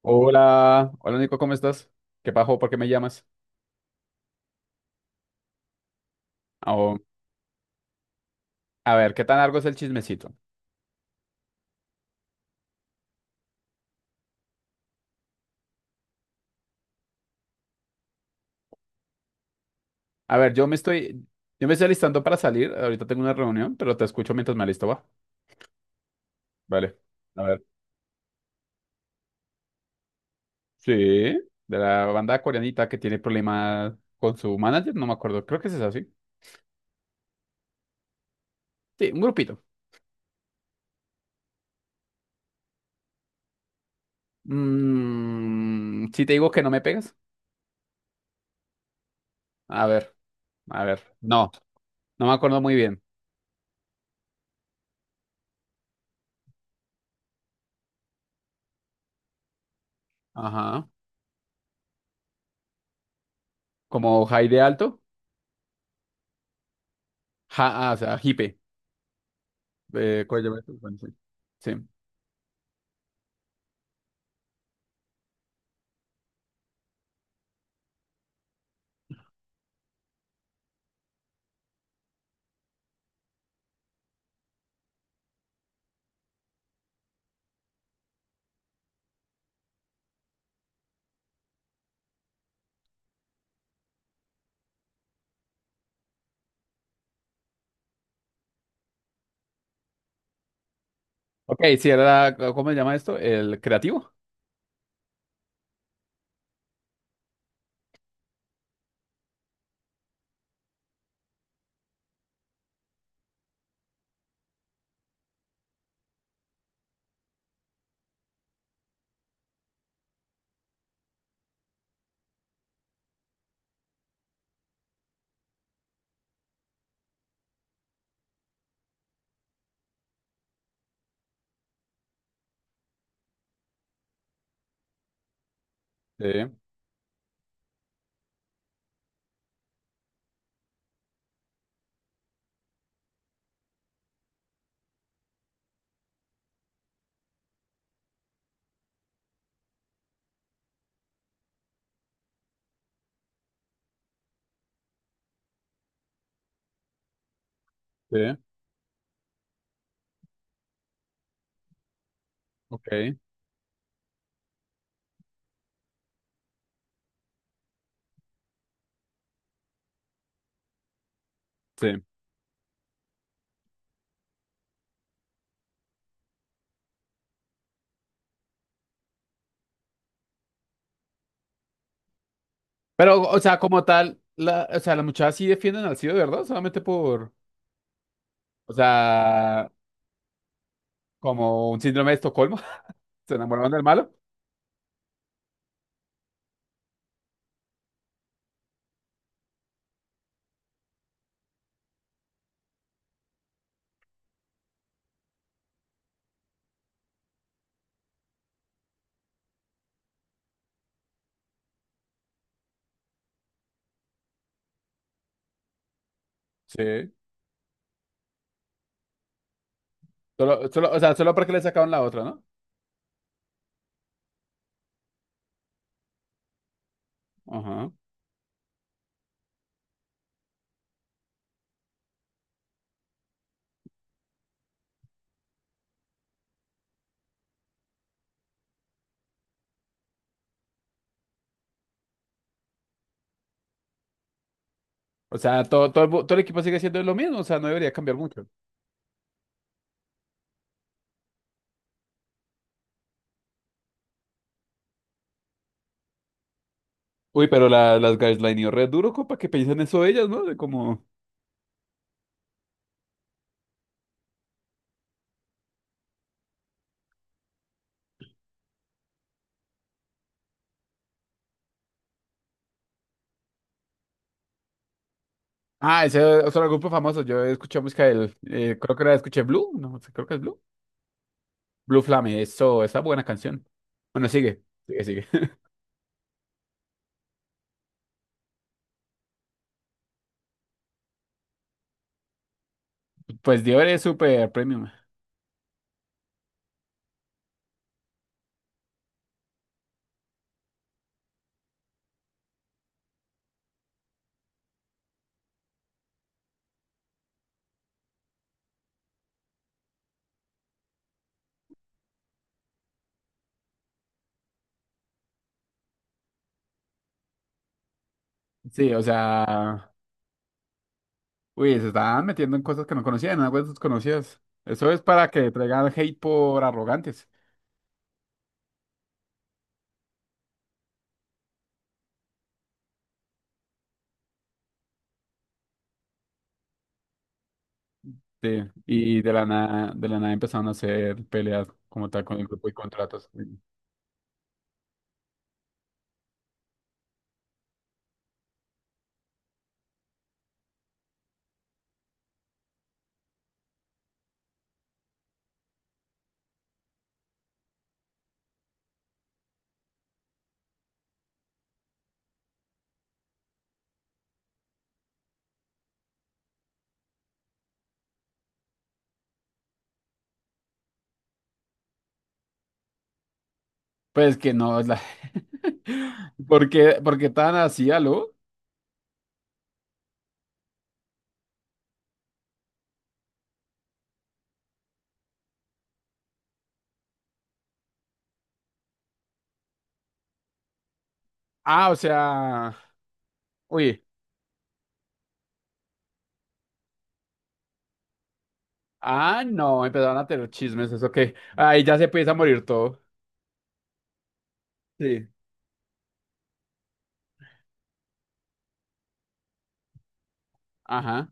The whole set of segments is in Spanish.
Hola, hola Nico, ¿cómo estás? ¿Qué pajo? ¿Por qué me llamas? Oh, a ver, ¿qué tan largo es el chismecito? A ver, yo me estoy alistando para salir. Ahorita tengo una reunión, pero te escucho mientras me alisto, va. Vale. A ver. Sí, de la banda coreanita que tiene problemas con su manager, no me acuerdo. Creo que es así. Sí, un grupito. Mm, si te digo que no me pegas. A ver, a ver. No, no me acuerdo muy bien. Ajá. Como Jaide Alto. Ja, ah, o sea, Hipe. ¿Cómo se llama esto? Bueno, sí. Sí. Ok, si era, ¿cómo se llama esto? El creativo. Sí, sí, ok, sí. Pero, o sea, como tal, la, o sea, las muchachas sí defienden al CID, de ¿verdad? Solamente por, o sea, como un síndrome de Estocolmo, se enamoraron del malo. Sí. Solo, solo, o sea, solo porque le sacaron la otra, ¿no? Ajá. O sea, todo, todo, el, bu- todo el equipo sigue siendo lo mismo, o sea, no debería cambiar mucho. Uy, pero la, las gaslightió red duro, compa, que piensan eso ellas, ¿no? De como... Ah, ese es otro grupo famoso. Yo escuché música del, creo que era, escuché Blue, no sé, creo que es Blue. Blue Flame, eso, esa buena canción. Bueno, sigue. Pues Dior es súper premium. Sí, o sea, uy, se están metiendo en cosas que no conocían, en aguas desconocidas. Eso es para que traigan hate por arrogantes. Sí, y de la nada empezaron a hacer peleas como tal con el grupo y contratos. Pues que no, es la... por qué tan así, aló? Ah, o sea, uy, ah, no, empezaron a tener chismes, eso que, ahí ya se empieza a morir todo. Sí. Ajá.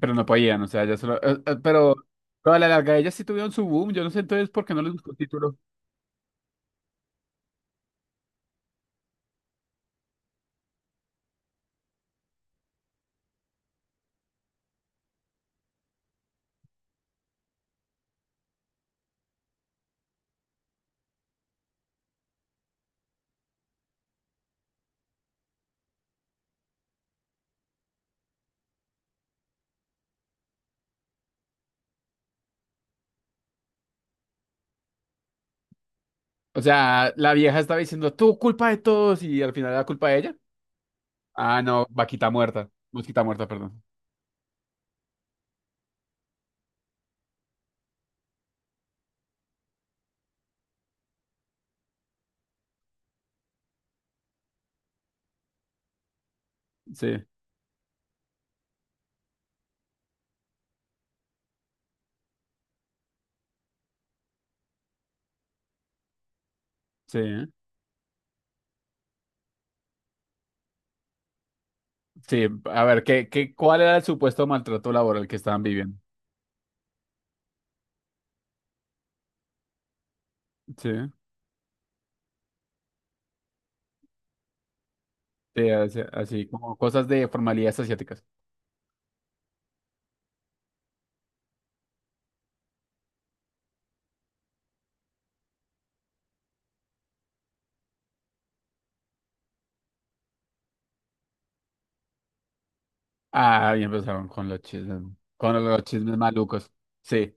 Pero no podían, o sea, ya solo. Pero a la larga ellas sí tuvieron su boom. Yo no sé entonces por qué no les gustó el título. O sea, la vieja estaba diciendo, tú culpa de todos, y al final era culpa de ella. Ah, no, vaquita muerta. Mosquita muerta, perdón. Sí, sí, ¿eh? Sí. A ver, ¿qué, qué, cuál era el supuesto maltrato laboral que estaban viviendo? Sí, sí, así, así como cosas de formalidades asiáticas. Ah, y empezaron con los chismes malucos. Sí.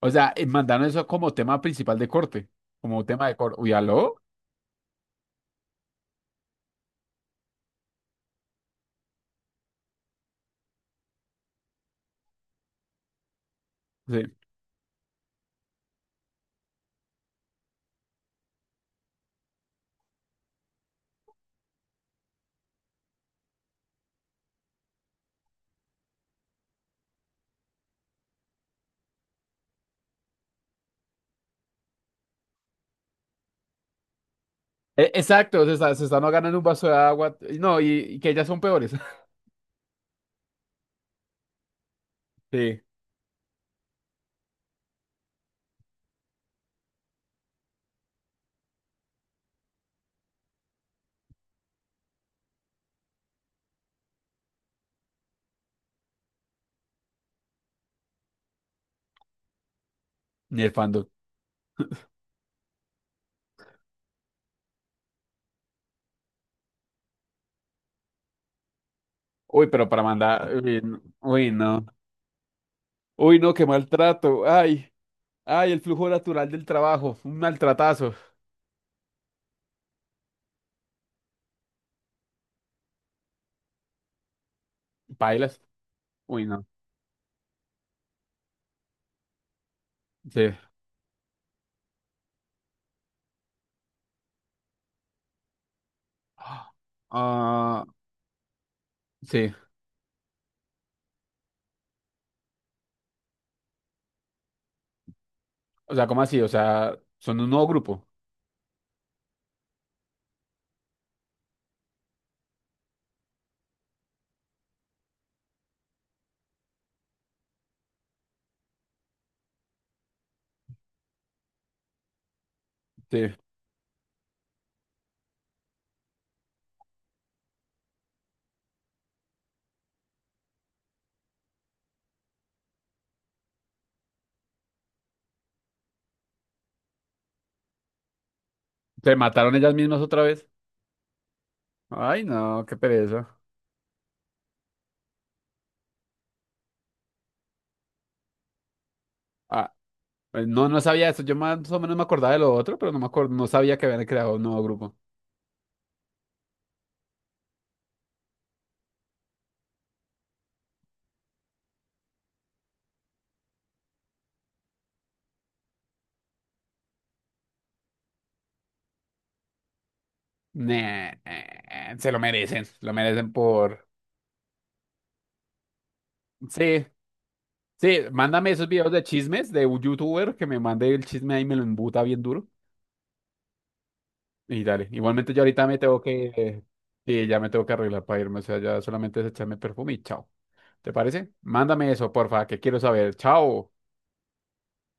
O sea, mandaron eso como tema principal de corte, como tema de corte. Uy, aló. Sí. E- Exacto, se están ganando un vaso de agua. Y no, y que ellas son peores. Sí, ni el fandom. Uy, pero para mandar. Uy, no. Uy, no, uy, no, qué maltrato. Ay, ay, el flujo natural del trabajo. Un maltratazo. Pailas. Uy, no. Sí. Ah, sí. O sea, ¿cómo así? O sea, son un nuevo grupo. Sí. ¿Se mataron ellas mismas otra vez? Ay, no, qué pereza. Ah, pues no, no sabía eso. Yo más o menos me acordaba de lo otro, pero no me acuerdo, no sabía que habían creado un nuevo grupo. Nah, se lo merecen por... Sí, sí, mándame esos videos de chismes de un youtuber que me mande el chisme ahí y me lo embuta bien duro. Y dale, igualmente yo ahorita me tengo que... Sí, ya me tengo que arreglar para irme, o sea, ya solamente es echarme perfume y chao. ¿Te parece? Mándame eso, porfa, que quiero saber. Chao.